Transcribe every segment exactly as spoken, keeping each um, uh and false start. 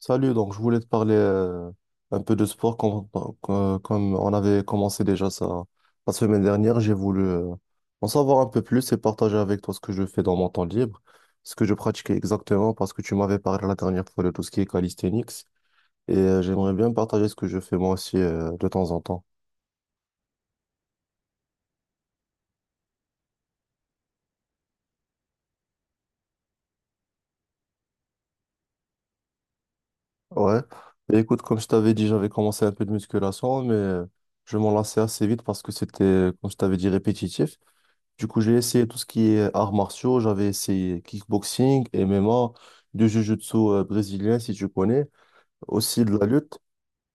Salut, donc je voulais te parler euh, un peu de sport comme, euh, comme on avait commencé déjà ça la semaine dernière. J'ai voulu euh, en savoir un peu plus et partager avec toi ce que je fais dans mon temps libre, ce que je pratique exactement parce que tu m'avais parlé la dernière fois de tout ce qui est calisthenics et euh, j'aimerais bien partager ce que je fais moi aussi euh, de temps en temps. Ouais, et écoute, comme je t'avais dit, j'avais commencé un peu de musculation, mais euh, je m'en lassais assez vite parce que c'était, comme je t'avais dit, répétitif. Du coup, j'ai essayé tout ce qui est arts martiaux. J'avais essayé kickboxing, M M A, du jiu-jitsu euh, brésilien, si tu connais, aussi de la lutte.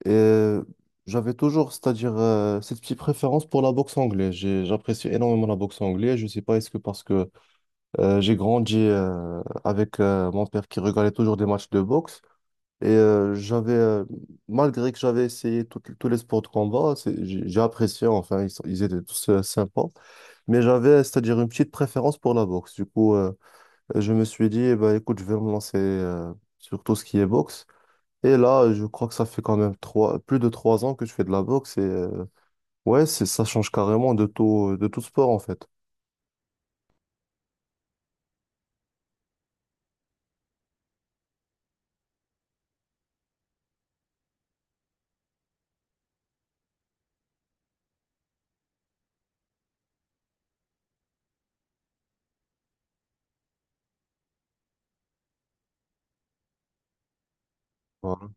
Et euh, j'avais toujours, c'est-à-dire, euh, cette petite préférence pour la boxe anglaise. J'ai- J'apprécie énormément la boxe anglaise. Je sais pas, est-ce que parce que euh, j'ai grandi euh, avec euh, mon père qui regardait toujours des matchs de boxe. Et euh, j'avais, euh, malgré que j'avais essayé tout- tous les sports de combat, c'est- j'ai j'ai apprécié, enfin, ils, sont- ils étaient tous euh, sympas. Mais j'avais, c'est-à-dire une petite préférence pour la boxe. Du coup, euh, je me suis dit, eh ben, écoute, je vais me lancer euh, sur tout ce qui est boxe. Et là, je crois que ça fait quand même trois, plus de trois ans que je fais de la boxe. Et euh, ouais, c'est, ça change carrément de tout, de tout sport, en fait. Voilà.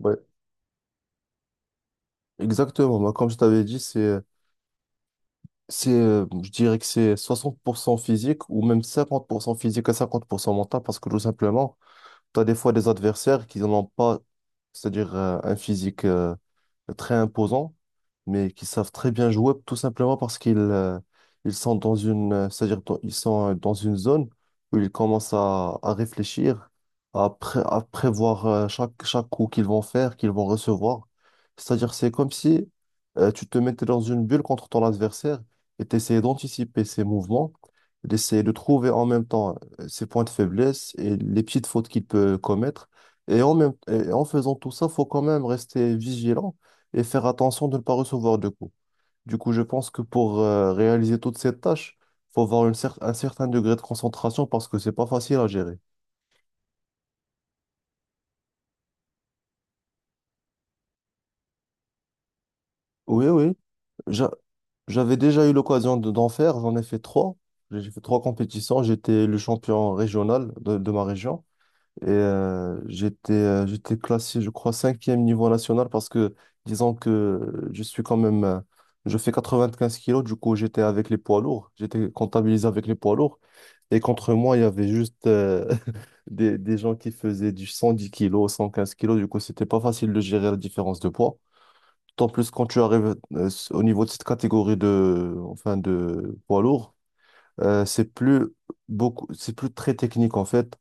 Ouais, exactement. Moi, comme je t'avais dit, c'est, c'est, euh, je dirais que c'est soixante pour cent physique ou même cinquante pour cent physique et cinquante pour cent mental parce que tout simplement, tu as des fois des adversaires qui n'ont pas, c'est-à-dire euh, un physique euh, très imposants, mais qui savent très bien jouer tout simplement parce qu'ils euh, ils sont dans une, euh, c'est-à-dire dans- ils sont euh, dans une zone où ils commencent à, à réfléchir, à, pré- à prévoir euh, chaque, chaque coup qu'ils vont faire, qu'ils vont recevoir. C'est-à-dire c'est comme si euh, tu te mettais dans une bulle contre ton adversaire et tu essayais d'anticiper ses mouvements, d'essayer de trouver en même temps euh, ses points de faiblesse et les petites fautes qu'il peut commettre. Et en même, et en faisant tout ça, faut quand même rester vigilant et faire attention de ne pas recevoir de coups. Du coup, je pense que pour euh, réaliser toutes ces tâches, faut avoir une cer- un certain degré de concentration parce que c'est pas facile à gérer. Oui, oui. J'a- J'avais déjà eu l'occasion de- d'en faire, j'en ai fait trois. J'ai fait trois compétitions. J'étais le champion régional de, de ma région et euh, j'étais euh, j'étais classé, je crois, cinquième niveau national parce que, disons que je suis quand même, euh, je fais quatre-vingt-quinze kilos, du coup j'étais avec les poids lourds, j'étais comptabilisé avec les poids lourds. Et contre moi, il y avait juste euh, des, des gens qui faisaient du cent dix kilos, cent quinze kilos. Du coup, c'était pas facile de gérer la différence de poids. Tant plus quand tu arrives euh, s- au niveau de cette catégorie de, enfin, de poids lourd, euh, c'est plus beaucoup, c'est plus très technique en fait.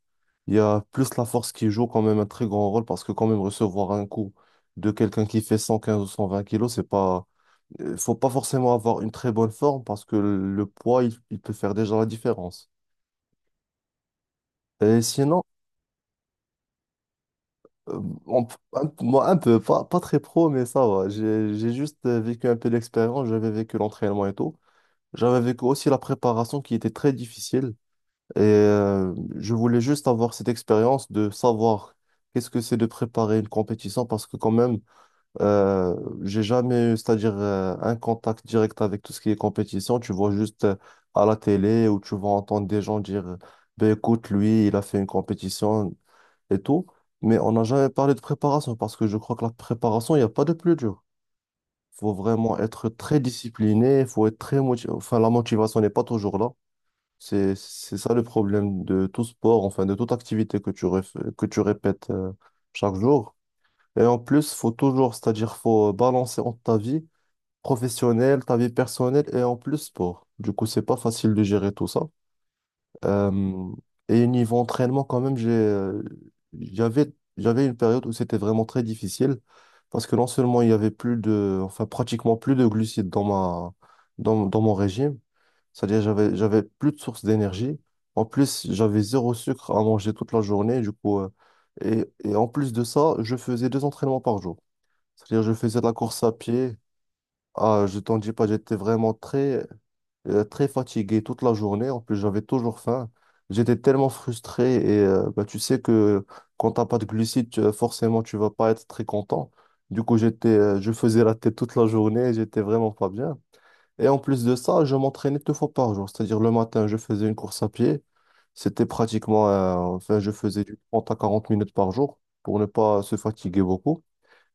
Il y a plus la force qui joue quand même un très grand rôle parce que quand même recevoir un coup de quelqu'un qui fait cent quinze ou cent vingt kilos, c'est pas, euh, faut pas forcément avoir une très bonne forme parce que le poids, il il peut faire déjà la différence. Et sinon, Euh, on- un, moi, un peu, pas, pas très pro, mais ça va. J'ai, j'ai juste euh, vécu un peu l'expérience, j'avais vécu l'entraînement et tout. J'avais vécu aussi la préparation qui était très difficile. Et euh, je voulais juste avoir cette expérience de savoir qu'est-ce que c'est de préparer une compétition parce que quand même, euh, j'ai jamais eu, c'est-à-dire euh, un contact direct avec tout ce qui est compétition. Tu vois juste euh, à la télé ou tu vas entendre des gens dire, ben écoute, lui, il a fait une compétition et tout, mais on n'a jamais parlé de préparation parce que je crois que la préparation, il n'y a pas de plus dur. Faut vraiment être très discipliné, faut être très motivé. Enfin, la motivation n'est pas toujours là. C'est, c'est ça le problème de tout sport, enfin de toute activité que tu, ref- que tu répètes euh, chaque jour. Et en plus, faut toujours, c'est-à-dire faut balancer entre ta vie professionnelle, ta vie personnelle et en plus sport. Du coup, c'est pas facile de gérer tout ça. Euh, et niveau entraînement, quand même, j'ai, euh, j'avais, j'avais une période où c'était vraiment très difficile parce que non seulement il y avait plus de, enfin pratiquement plus de glucides dans ma, dans, dans mon régime, c'est-à-dire j'avais, j'avais plus de sources d'énergie. En plus, j'avais zéro sucre à manger toute la journée, du coup, euh, et, et en plus de ça, je faisais deux entraînements par jour. C'est-à-dire je faisais de la course à pied. Ah, je t'en dis pas, j'étais vraiment très, euh, très fatigué toute la journée. En plus, j'avais toujours faim. J'étais tellement frustré et euh, bah, tu sais que quand t'as pas de glucides, tu- forcément, tu vas pas être très content. Du coup, j'étais, euh, je faisais la tête toute la journée, j'étais vraiment pas bien. Et en plus de ça, je m'entraînais deux fois par jour. C'est-à-dire le matin, je faisais une course à pied. C'était pratiquement, euh, enfin, je faisais du trente à quarante minutes par jour pour ne pas se fatiguer beaucoup.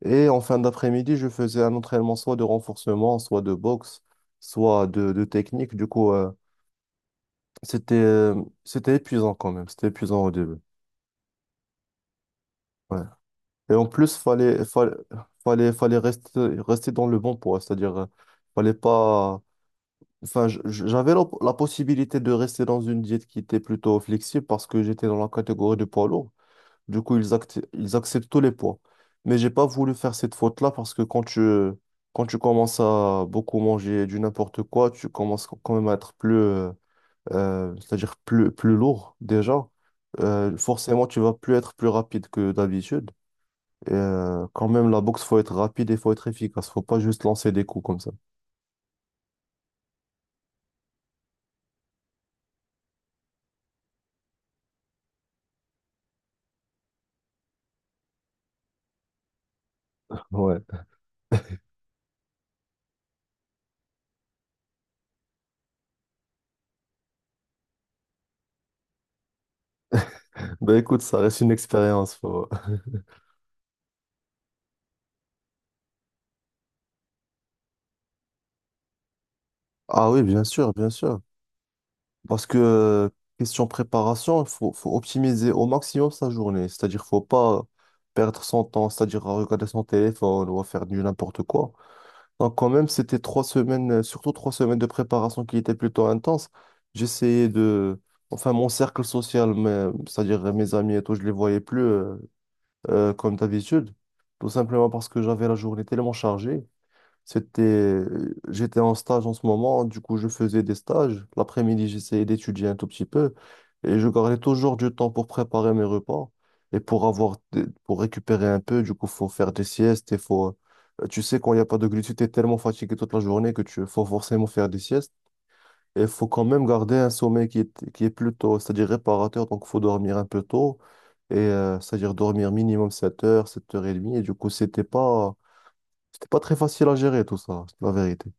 Et en fin d'après-midi, je faisais un entraînement soit de renforcement, soit de boxe, soit de, de technique. Du coup, euh, c'était euh, c'était épuisant quand même. C'était épuisant au début. Ouais. Et en plus, fallait fallait fallait, fallait rester rester dans le bon poids, c'est-à-dire euh, fallait pas. Enfin, je- je- j'avais la, la possibilité de rester dans une diète qui était plutôt flexible parce que j'étais dans la catégorie de poids lourd. Du coup, ils, acti- ils acceptent tous les poids. Mais j'ai pas voulu faire cette faute-là parce que quand tu, quand tu commences à beaucoup manger du n'importe quoi, tu commences quand même à être plus, euh, euh, c'est-à-dire plus, plus lourd déjà. Euh, forcément, tu vas plus être plus rapide que d'habitude. Et, euh, quand même, la boxe, faut être rapide et faut être efficace. Faut pas juste lancer des coups comme ça. Ouais. Ben écoute, ça reste une expérience. faut- Ah oui, bien sûr, bien sûr. Parce que, euh, question préparation, il faut, faut optimiser au maximum sa journée. C'est-à-dire, faut pas perdre son temps, c'est-à-dire à regarder son téléphone ou à faire du n'importe quoi. Donc, quand même, c'était trois semaines, euh, surtout trois semaines de préparation qui étaient plutôt intenses. J'essayais de. Enfin, mon cercle social, mais- c'est-à-dire mes amis et tout, je les voyais plus euh, euh, comme d'habitude. Tout simplement parce que j'avais la journée tellement chargée. C'était, J'étais en stage en ce moment, du coup je faisais des stages. L'après-midi, j'essayais d'étudier un tout petit peu et je gardais toujours du temps pour préparer mes repas et pour avoir, des- pour récupérer un peu. Du coup, faut faire des siestes et faut, euh, tu sais, quand il n'y a pas de glucides, t'es tellement fatigué toute la journée que tu faut forcément faire des siestes et faut quand même garder un sommeil qui est, qui est plutôt, c'est-à-dire réparateur. Donc, faut dormir un peu tôt et euh, c'est-à-dire dormir minimum sept heures, sept heures trente et demie. Et du coup, c'était pas c'était pas très facile à gérer tout ça, c'est la vérité.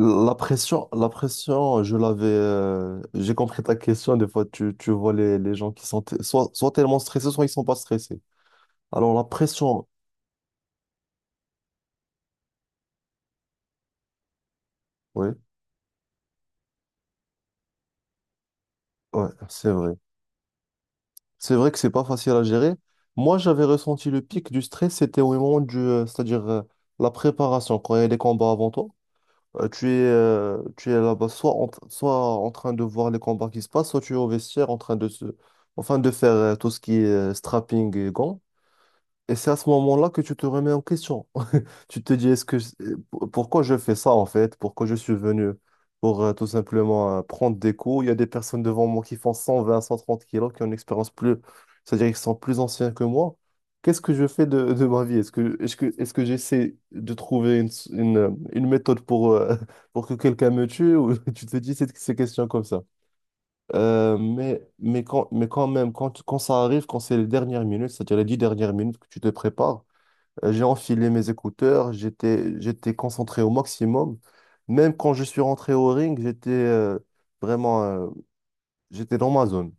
La pression, la pression, je l'avais. Euh, j'ai compris ta question. Des fois, tu, tu vois les, les gens qui sont t- soit, soit tellement stressés, soit ils sont pas stressés. Alors, la pression, oui, ouais, ouais, c'est vrai. C'est vrai que c'est pas facile à gérer. Moi, j'avais ressenti le pic du stress, c'était au moment du. Euh, c'est-à-dire euh, la préparation, quand il y a des combats avant toi. Euh, tu es, euh, tu es là-bas soit en, t- soit en train de voir les combats qui se passent, soit tu es au vestiaire en train de se, enfin de faire euh, tout ce qui est euh, strapping et gants. Et c'est à ce moment-là que tu te remets en question. Tu te dis, est-ce que euh, pourquoi je fais ça en fait? Pourquoi je suis venu? Pour euh, tout simplement euh, prendre des cours. Il y a des personnes devant moi qui font cent vingt cent trente kilos, qui ont une expérience plus, c'est-à-dire qu'ils sont plus anciens que moi. Qu'est-ce que je fais de, de ma vie? Est-ce que, est-ce que, est-ce que j'essaie de trouver une, s- une, euh, une méthode pour, euh, pour que quelqu'un me tue? Ou tu te dis cette- ces questions comme ça. Euh, mais, mais, quand, mais quand même, quand, quand ça arrive, quand c'est les dernières minutes, c'est-à-dire les dix dernières minutes que tu te prépares, euh, J'ai enfilé mes écouteurs, j'étais, j'étais concentré au maximum. Même quand je suis rentré au ring, j'étais euh, vraiment, euh, j'étais dans ma zone.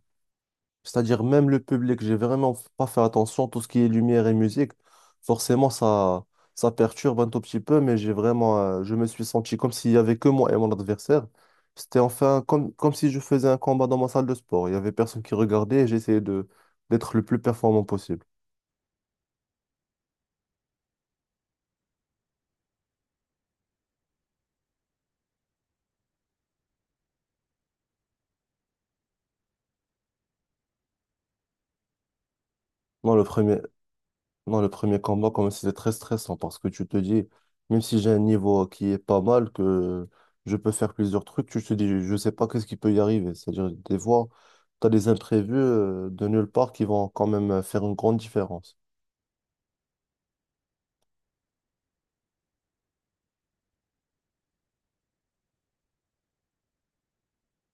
C'est-à-dire même le public, j'ai vraiment f- pas fait attention, tout ce qui est lumière et musique, forcément ça, ça perturbe un tout petit peu, mais j'ai vraiment, euh, je me suis senti comme s'il y avait que moi et mon adversaire. C'était enfin comme, comme si je faisais un combat dans ma salle de sport. Il y avait personne qui regardait et j'essayais de d'être le plus performant possible. Non, le premier, Non, le premier combat, comme si c'était très stressant parce que tu te dis, même si j'ai un niveau qui est pas mal, que je peux faire plusieurs trucs, tu te dis, je sais pas qu'est-ce qui peut y arriver. C'est-à-dire, des fois, tu as des imprévus euh, de nulle part qui vont quand même euh, faire une grande différence.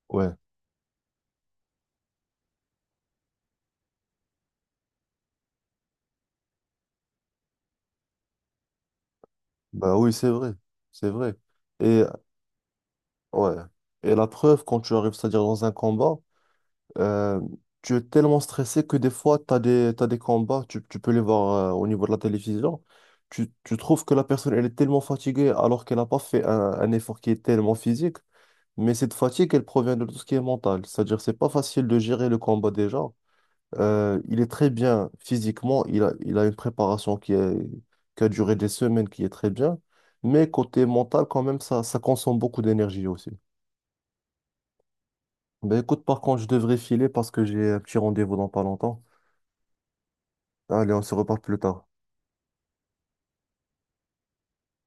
Ouais, bah oui, c'est vrai, c'est vrai. Et ouais, et la preuve, quand tu arrives, c'est-à-dire dans un combat, Euh, tu es tellement stressé que des fois, tu as des, t'as des combats, tu, tu peux les voir euh, au niveau de la télévision. Tu, tu trouves que la personne, elle est tellement fatiguée alors qu'elle n'a pas fait un, un effort qui est tellement physique. Mais cette fatigue, elle provient de tout ce qui est mental. C'est-à-dire, c'est pas facile de gérer le combat déjà. Euh, il est très bien physiquement, il a, il a une préparation qui est, qui a duré des semaines, qui est très bien. Mais côté mental, quand même, ça, ça consomme beaucoup d'énergie aussi. Ben écoute, par contre, je devrais filer parce que j'ai un petit rendez-vous dans pas longtemps. Allez, on se reparle plus tard.